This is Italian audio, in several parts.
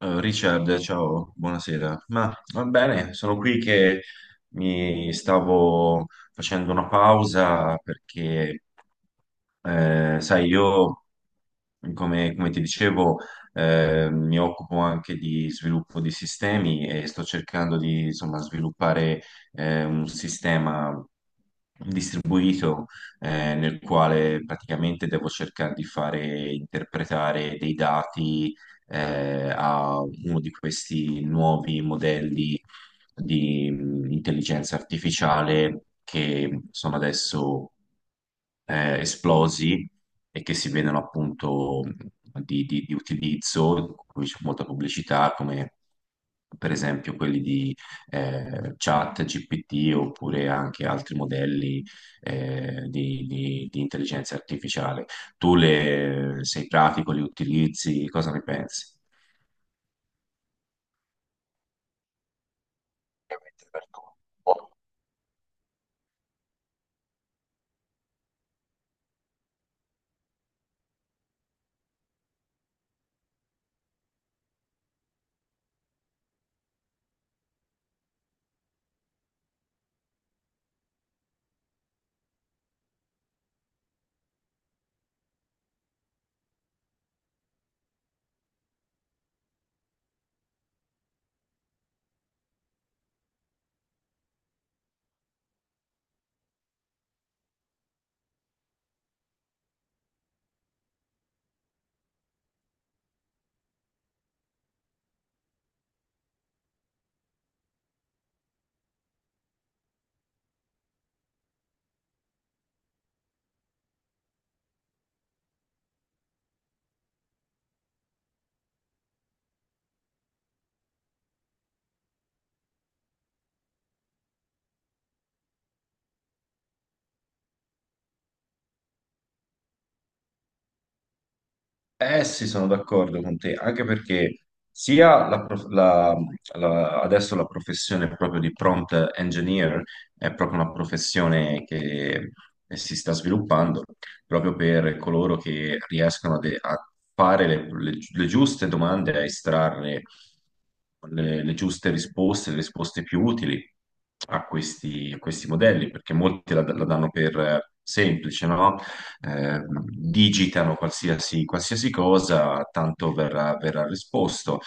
Richard, ciao, buonasera. Ma va bene, sono qui che mi stavo facendo una pausa perché sai, io, come ti dicevo, mi occupo anche di sviluppo di sistemi e sto cercando di, insomma, sviluppare un sistema distribuito, nel quale praticamente devo cercare di fare interpretare dei dati a uno di questi nuovi modelli di intelligenza artificiale che sono adesso esplosi e che si vedono appunto, di utilizzo, in cui c'è molta pubblicità, come per esempio quelli di Chat GPT, oppure anche altri modelli di intelligenza artificiale. Tu le, sei pratico, li utilizzi, cosa ne pensi? Ovviamente per tutto. Eh sì, sono d'accordo con te, anche perché sia la prof- la- la- adesso la professione proprio di prompt engineer è proprio una professione che si sta sviluppando proprio per coloro che riescono a, a fare le giuste domande, a estrarre le giuste risposte, le risposte più utili a a questi modelli, perché molti la danno per semplice, no? eh, digitano qualsiasi cosa, tanto verrà risposto,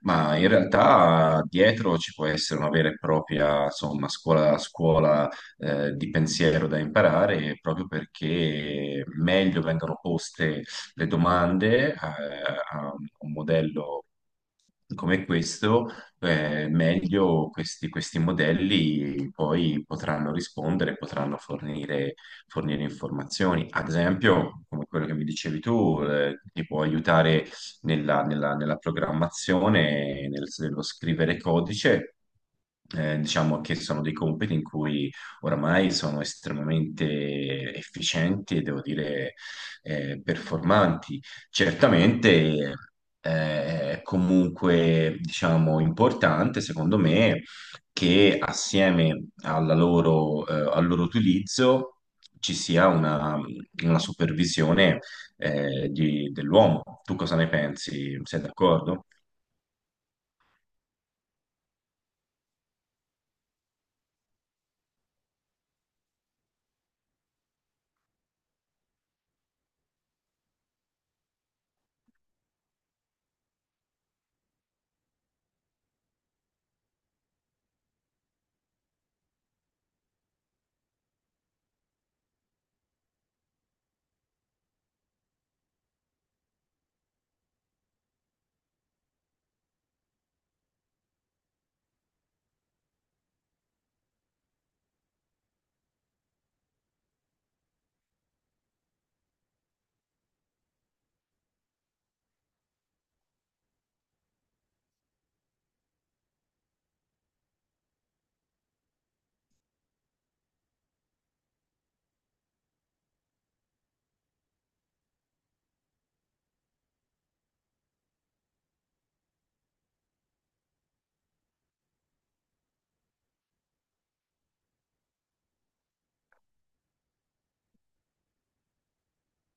ma in realtà dietro ci può essere una vera e propria, insomma, scuola di pensiero da imparare, proprio perché meglio vengono poste le domande a un modello come questo, meglio questi modelli poi potranno rispondere, potranno fornire informazioni. Ad esempio, come quello che mi dicevi tu, ti può aiutare nella programmazione, nello scrivere codice. Diciamo che sono dei compiti in cui oramai sono estremamente efficienti e devo dire performanti. Certamente è comunque, diciamo, importante, secondo me, che assieme alla loro, al loro utilizzo ci sia una supervisione dell'uomo. Tu cosa ne pensi? Sei d'accordo?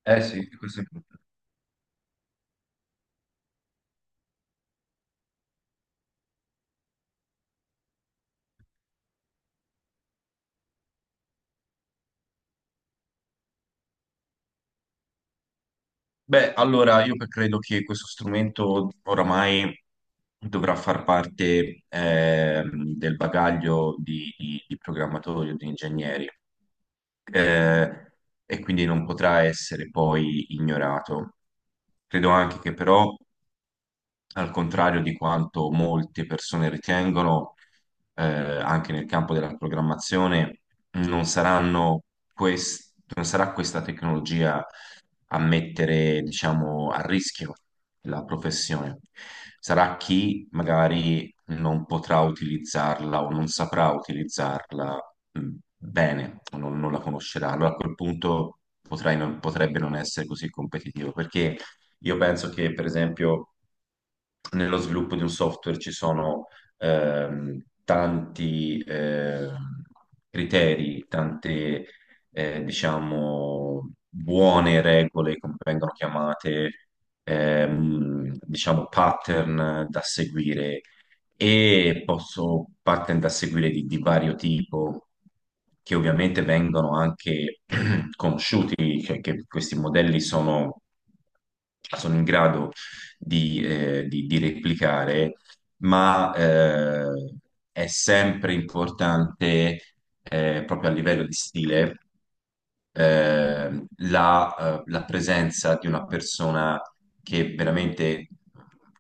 Eh sì, questo è importante. Beh, allora io credo che questo strumento oramai dovrà far parte, del bagaglio di, di programmatori o di ingegneri. eh, e quindi non potrà essere poi ignorato. Credo anche che però al contrario di quanto molte persone ritengono, anche nel campo della programmazione, non saranno non sarà questa tecnologia a mettere, diciamo, a rischio la professione. Sarà chi magari non potrà utilizzarla o non saprà utilizzarla bene o non la conoscerà. Allora a quel punto potrai non- potrebbe non essere così competitivo, perché io penso che, per esempio, nello sviluppo di un software ci sono tanti criteri, tante, diciamo, buone regole, come vengono chiamate, diciamo, pattern da seguire, e posso pattern da seguire di vario tipo, che ovviamente vengono anche conosciuti, cioè che questi modelli sono, sono in grado di, di replicare, ma è sempre importante, proprio a livello di stile, eh, la, la presenza di una persona che veramente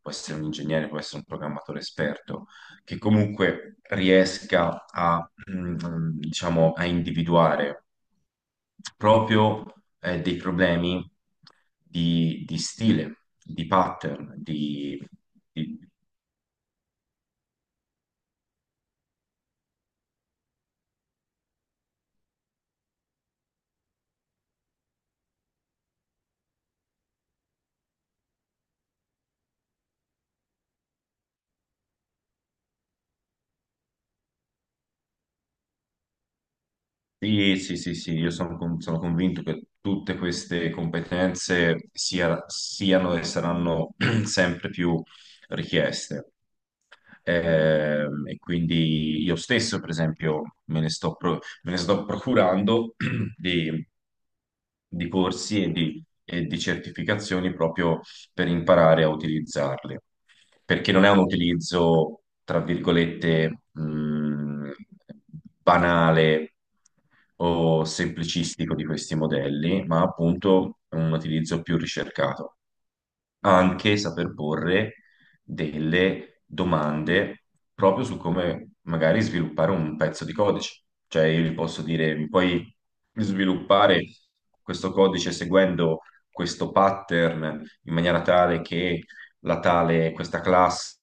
può essere un ingegnere, può essere un programmatore esperto, che comunque riesca a, diciamo, a individuare proprio, dei problemi di stile, di pattern, di... di- Sì, sì, sì, sì, io sono, sono convinto che tutte queste competenze siano e saranno sempre più richieste. E quindi io stesso, per esempio, me ne sto, me ne sto procurando di, di corsi e di certificazioni proprio per imparare a utilizzarli, perché non è un utilizzo, tra virgolette, banale o semplicistico di questi modelli, ma appunto un utilizzo più ricercato, anche saper porre delle domande proprio su come magari sviluppare un pezzo di codice. Cioè io gli posso dire, mi puoi sviluppare questo codice seguendo questo pattern in maniera tale che la tale, questa classe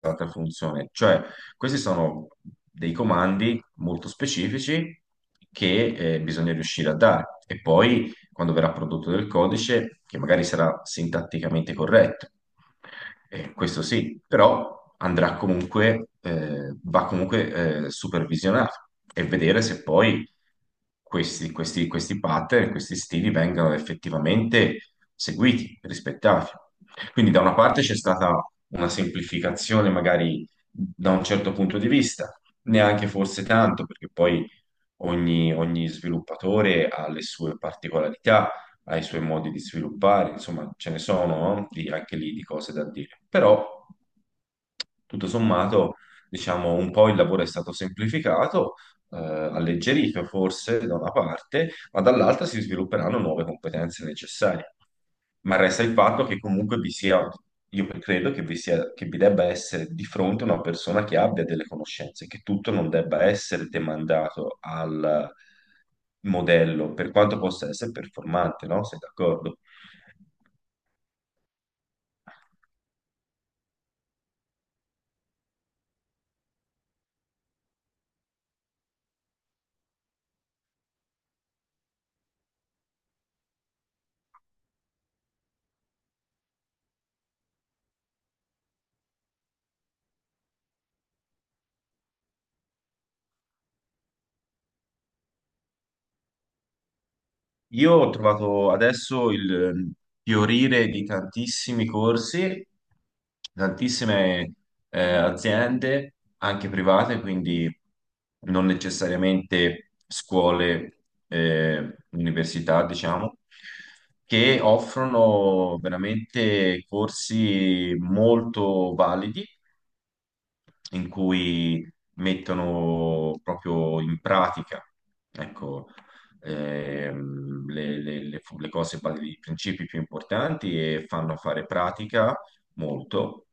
un'altra funzione. Cioè, questi sono dei comandi molto specifici che bisogna riuscire a dare. E poi, quando verrà prodotto del codice, che magari sarà sintatticamente corretto, questo sì, però andrà comunque, va comunque supervisionato e vedere se poi questi pattern, questi stili vengano effettivamente seguiti, rispettati. Quindi da una parte c'è stata una semplificazione magari da un certo punto di vista, neanche forse tanto, perché poi ogni sviluppatore ha le sue particolarità, ha i suoi modi di sviluppare, insomma ce ne sono, no? Anche lì di cose da dire. Però tutto sommato, diciamo, un po' il lavoro è stato semplificato, alleggerito forse da una parte, ma dall'altra si svilupperanno nuove competenze necessarie. Ma resta il fatto che comunque vi sia, io credo che vi sia, che vi debba essere di fronte una persona che abbia delle conoscenze, che tutto non debba essere demandato al modello, per quanto possa essere performante, no? Sei d'accordo? Io ho trovato adesso il, fiorire di tantissimi corsi, tantissime aziende, anche private, quindi non necessariamente scuole, università, diciamo, che offrono veramente corsi molto validi in cui mettono proprio in pratica, ecco, le cose, i principi più importanti, e fanno fare pratica molto.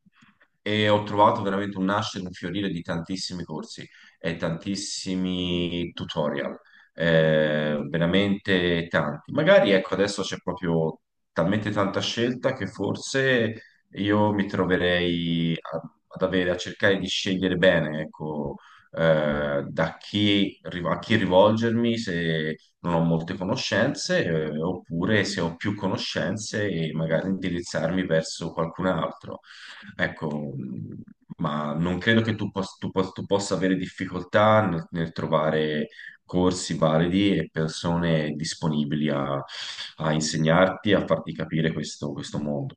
E ho trovato veramente un nascere, un fiorire di tantissimi corsi e tantissimi tutorial, veramente tanti. Magari ecco, adesso c'è proprio talmente tanta scelta che forse io mi troverei a- ad avere, a cercare di scegliere bene, ecco, da chi, a chi rivolgermi se non ho molte conoscenze, oppure se ho più conoscenze e magari indirizzarmi verso qualcun altro. Ecco, ma non credo che tu possa avere difficoltà nel trovare corsi validi e persone disponibili a, a insegnarti, a farti capire questo mondo.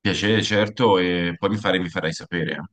Piacere, certo, e poi mi farai sapere.